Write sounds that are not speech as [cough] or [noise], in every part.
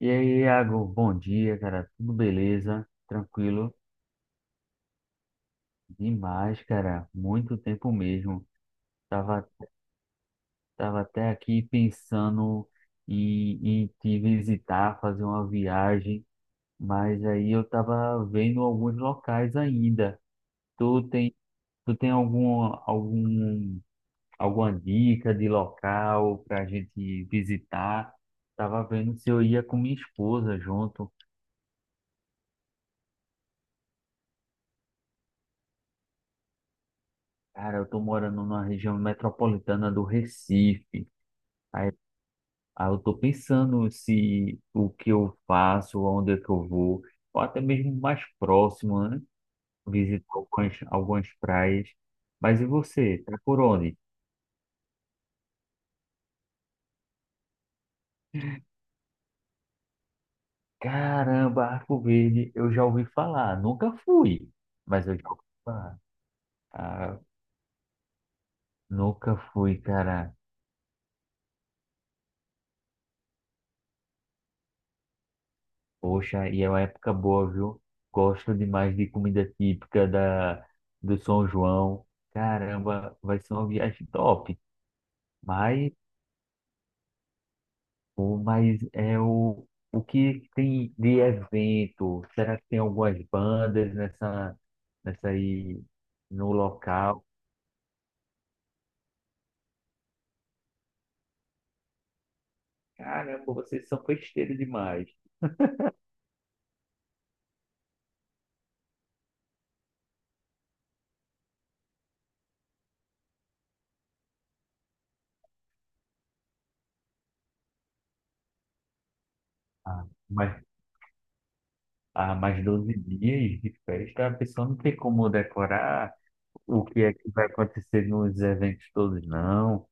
E aí, Iago, bom dia, cara. Tudo beleza? Tranquilo? Demais, cara. Muito tempo mesmo. Tava, tava até aqui pensando em te visitar, fazer uma viagem, mas aí eu tava vendo alguns locais ainda. Tu tem, tu tem alguma dica de local pra gente visitar? Tava vendo se eu ia com minha esposa junto. Cara, eu tô morando numa região metropolitana do Recife. Aí, aí eu tô pensando se o que eu faço, aonde é que eu vou, ou até mesmo mais próximo, né? Visitar algumas praias. Mas e você? Tá por onde? Caramba, Arco Verde, eu já ouvi falar. Nunca fui, mas eu já ouvi falar. Ah, nunca fui, cara. Poxa, e é uma época boa, viu? Gosto demais de comida típica do São João. Caramba, vai ser uma viagem top. Mas, o- mas é o, o que tem de evento? Será que tem algumas bandas nessa aí no local? Caramba, vocês são festeiros demais. Ah, mas há mais 12 dias de festa, a pessoa não tem como decorar o que é que vai acontecer nos eventos todos, não.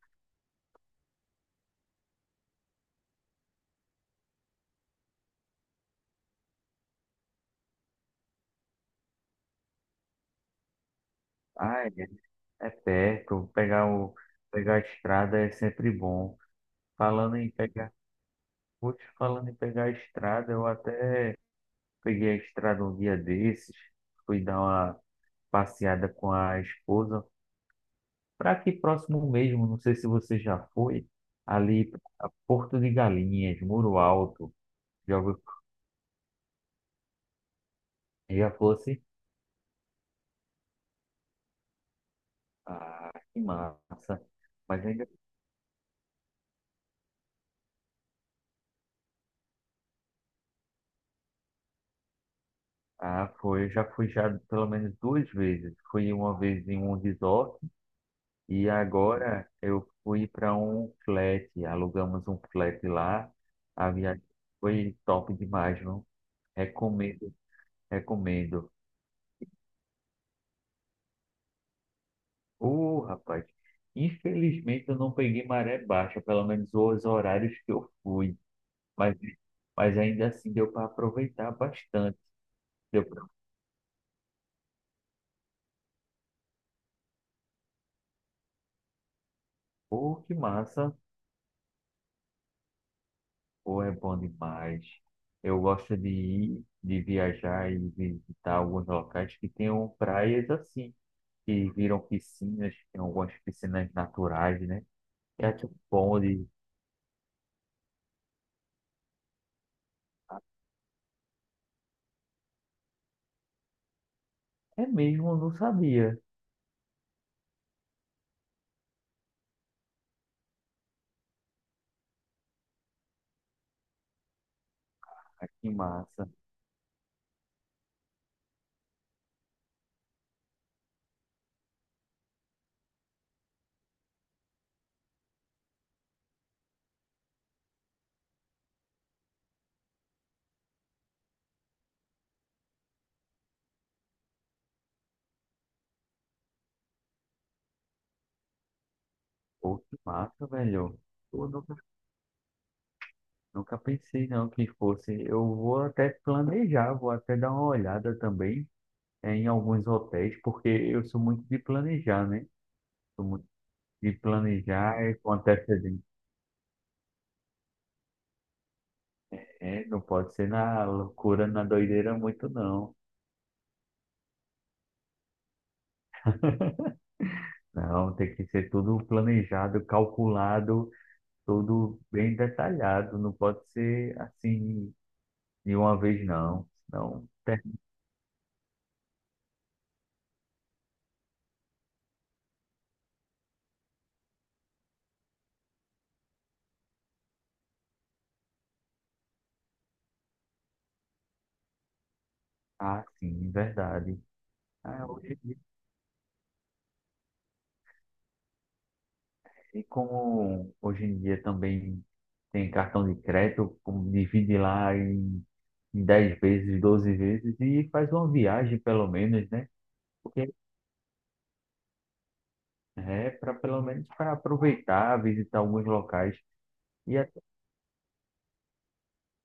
Ah, é, é perto. Pegar a estrada é sempre bom. Falando em pegar, putz, falando em pegar a estrada, eu até peguei a estrada um dia desses. Fui dar uma passeada com a esposa. Para aqui próximo mesmo, não sei se você já foi, ali pra Porto de Galinhas, Muro Alto. Já, já fosse? Ah, que massa. Mas ainda. Ah, foi. Já fui já pelo menos duas vezes. Fui uma vez em um resort. E agora eu fui para um flat, alugamos um flat lá. A viagem foi top demais, viu? Recomendo, recomendo. Rapaz, infelizmente eu não peguei maré baixa, pelo menos os horários que eu fui. Mas, mas ainda assim deu para aproveitar bastante. Deu para, pô, que massa, pô, é bom demais. Eu gosto de ir, de viajar e visitar alguns locais que tenham praias assim que viram piscinas, tem algumas piscinas naturais, né? E aqui um bonde. É mesmo, eu não sabia. Ah, que massa. Pô, que massa, velho. Pô, nunca, nunca pensei não que fosse. Eu vou até planejar, vou até dar uma olhada também em alguns hotéis, porque eu sou muito de planejar, né? Sou muito de planejar com antecedência. É, não pode ser na loucura, na doideira muito, não. Não, tem que ser tudo planejado, calculado tudo bem detalhado, não pode ser assim de uma vez não, não terminar assim, verdade. Ah, hoje em dia, e como hoje em dia também tem cartão de crédito, como divide lá em 10 vezes, 12 vezes e faz uma viagem pelo menos, né? Porque é para pelo menos para aproveitar, visitar alguns locais. E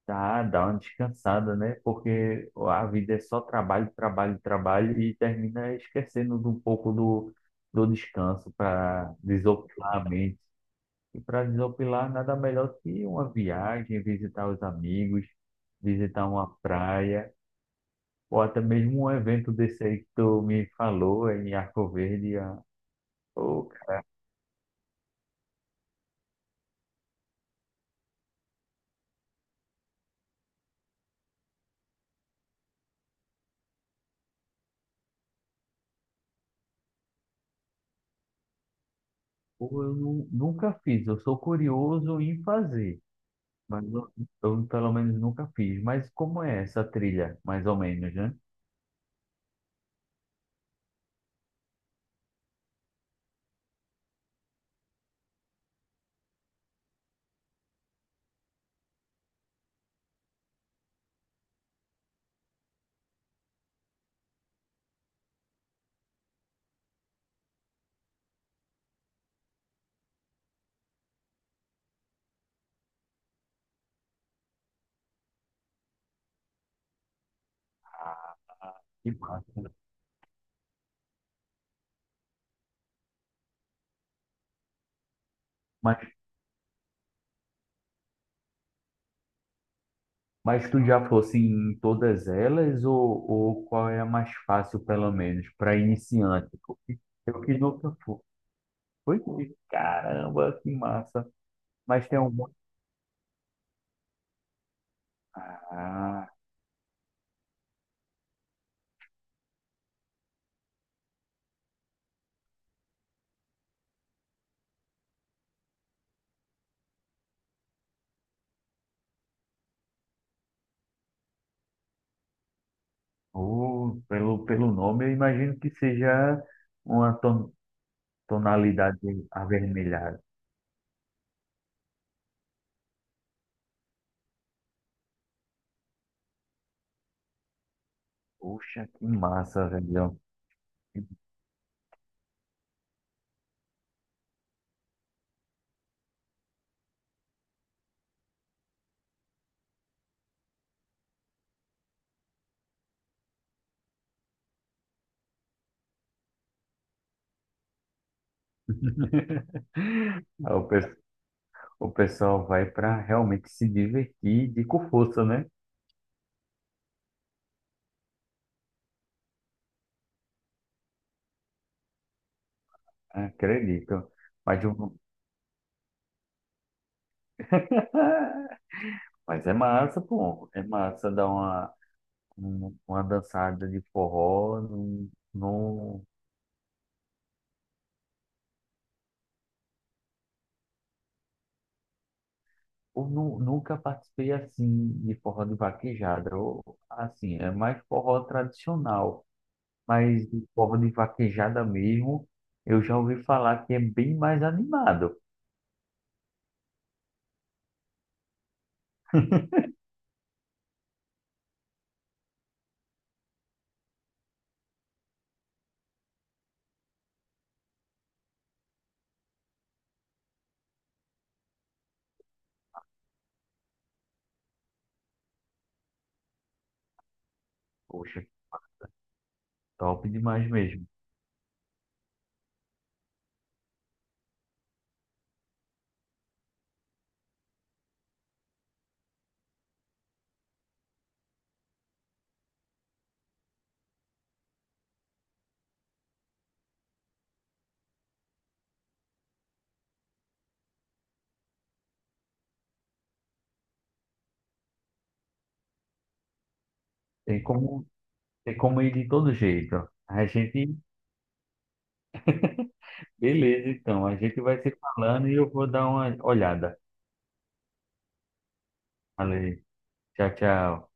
tá dá uma descansada, né? Porque a vida é só trabalho, trabalho, trabalho e termina esquecendo de um pouco do descanso para desopilar a mente. E para desopilar, nada melhor que uma viagem, visitar os amigos, visitar uma praia, ou até mesmo um evento desse aí que tu me falou em Arco Verde. Ah, pô, cara, pô, eu nunca fiz, eu sou curioso em fazer. Mas eu, pelo menos nunca fiz. Mas como é essa trilha, mais ou menos, né? Que massa. Mas, mas tu já fosse em todas elas ou qual é a mais fácil, pelo menos, para iniciante? Porque eu que nunca fui. Foi? Caramba, que massa. Mas tem alguma. Ah, oh, pelo, pelo nome, eu imagino que seja uma tonalidade avermelhada. Poxa, que massa, velho. [laughs] Aí o pessoal vai para realmente se divertir de com força, né? Acredito. Mas, eu- [laughs] mas é massa, pô. É massa dar uma dançada de forró. Não, não, eu nunca participei assim de forró de vaquejada. Eu, assim, é mais forró tradicional. Mas de forró de vaquejada mesmo, eu já ouvi falar que é bem mais animado. Poxa, top demais mesmo. Tem como. Tem como ir de todo jeito. A gente, [laughs] beleza, então. A gente vai se falando e eu vou dar uma olhada. Valeu. Tchau, tchau.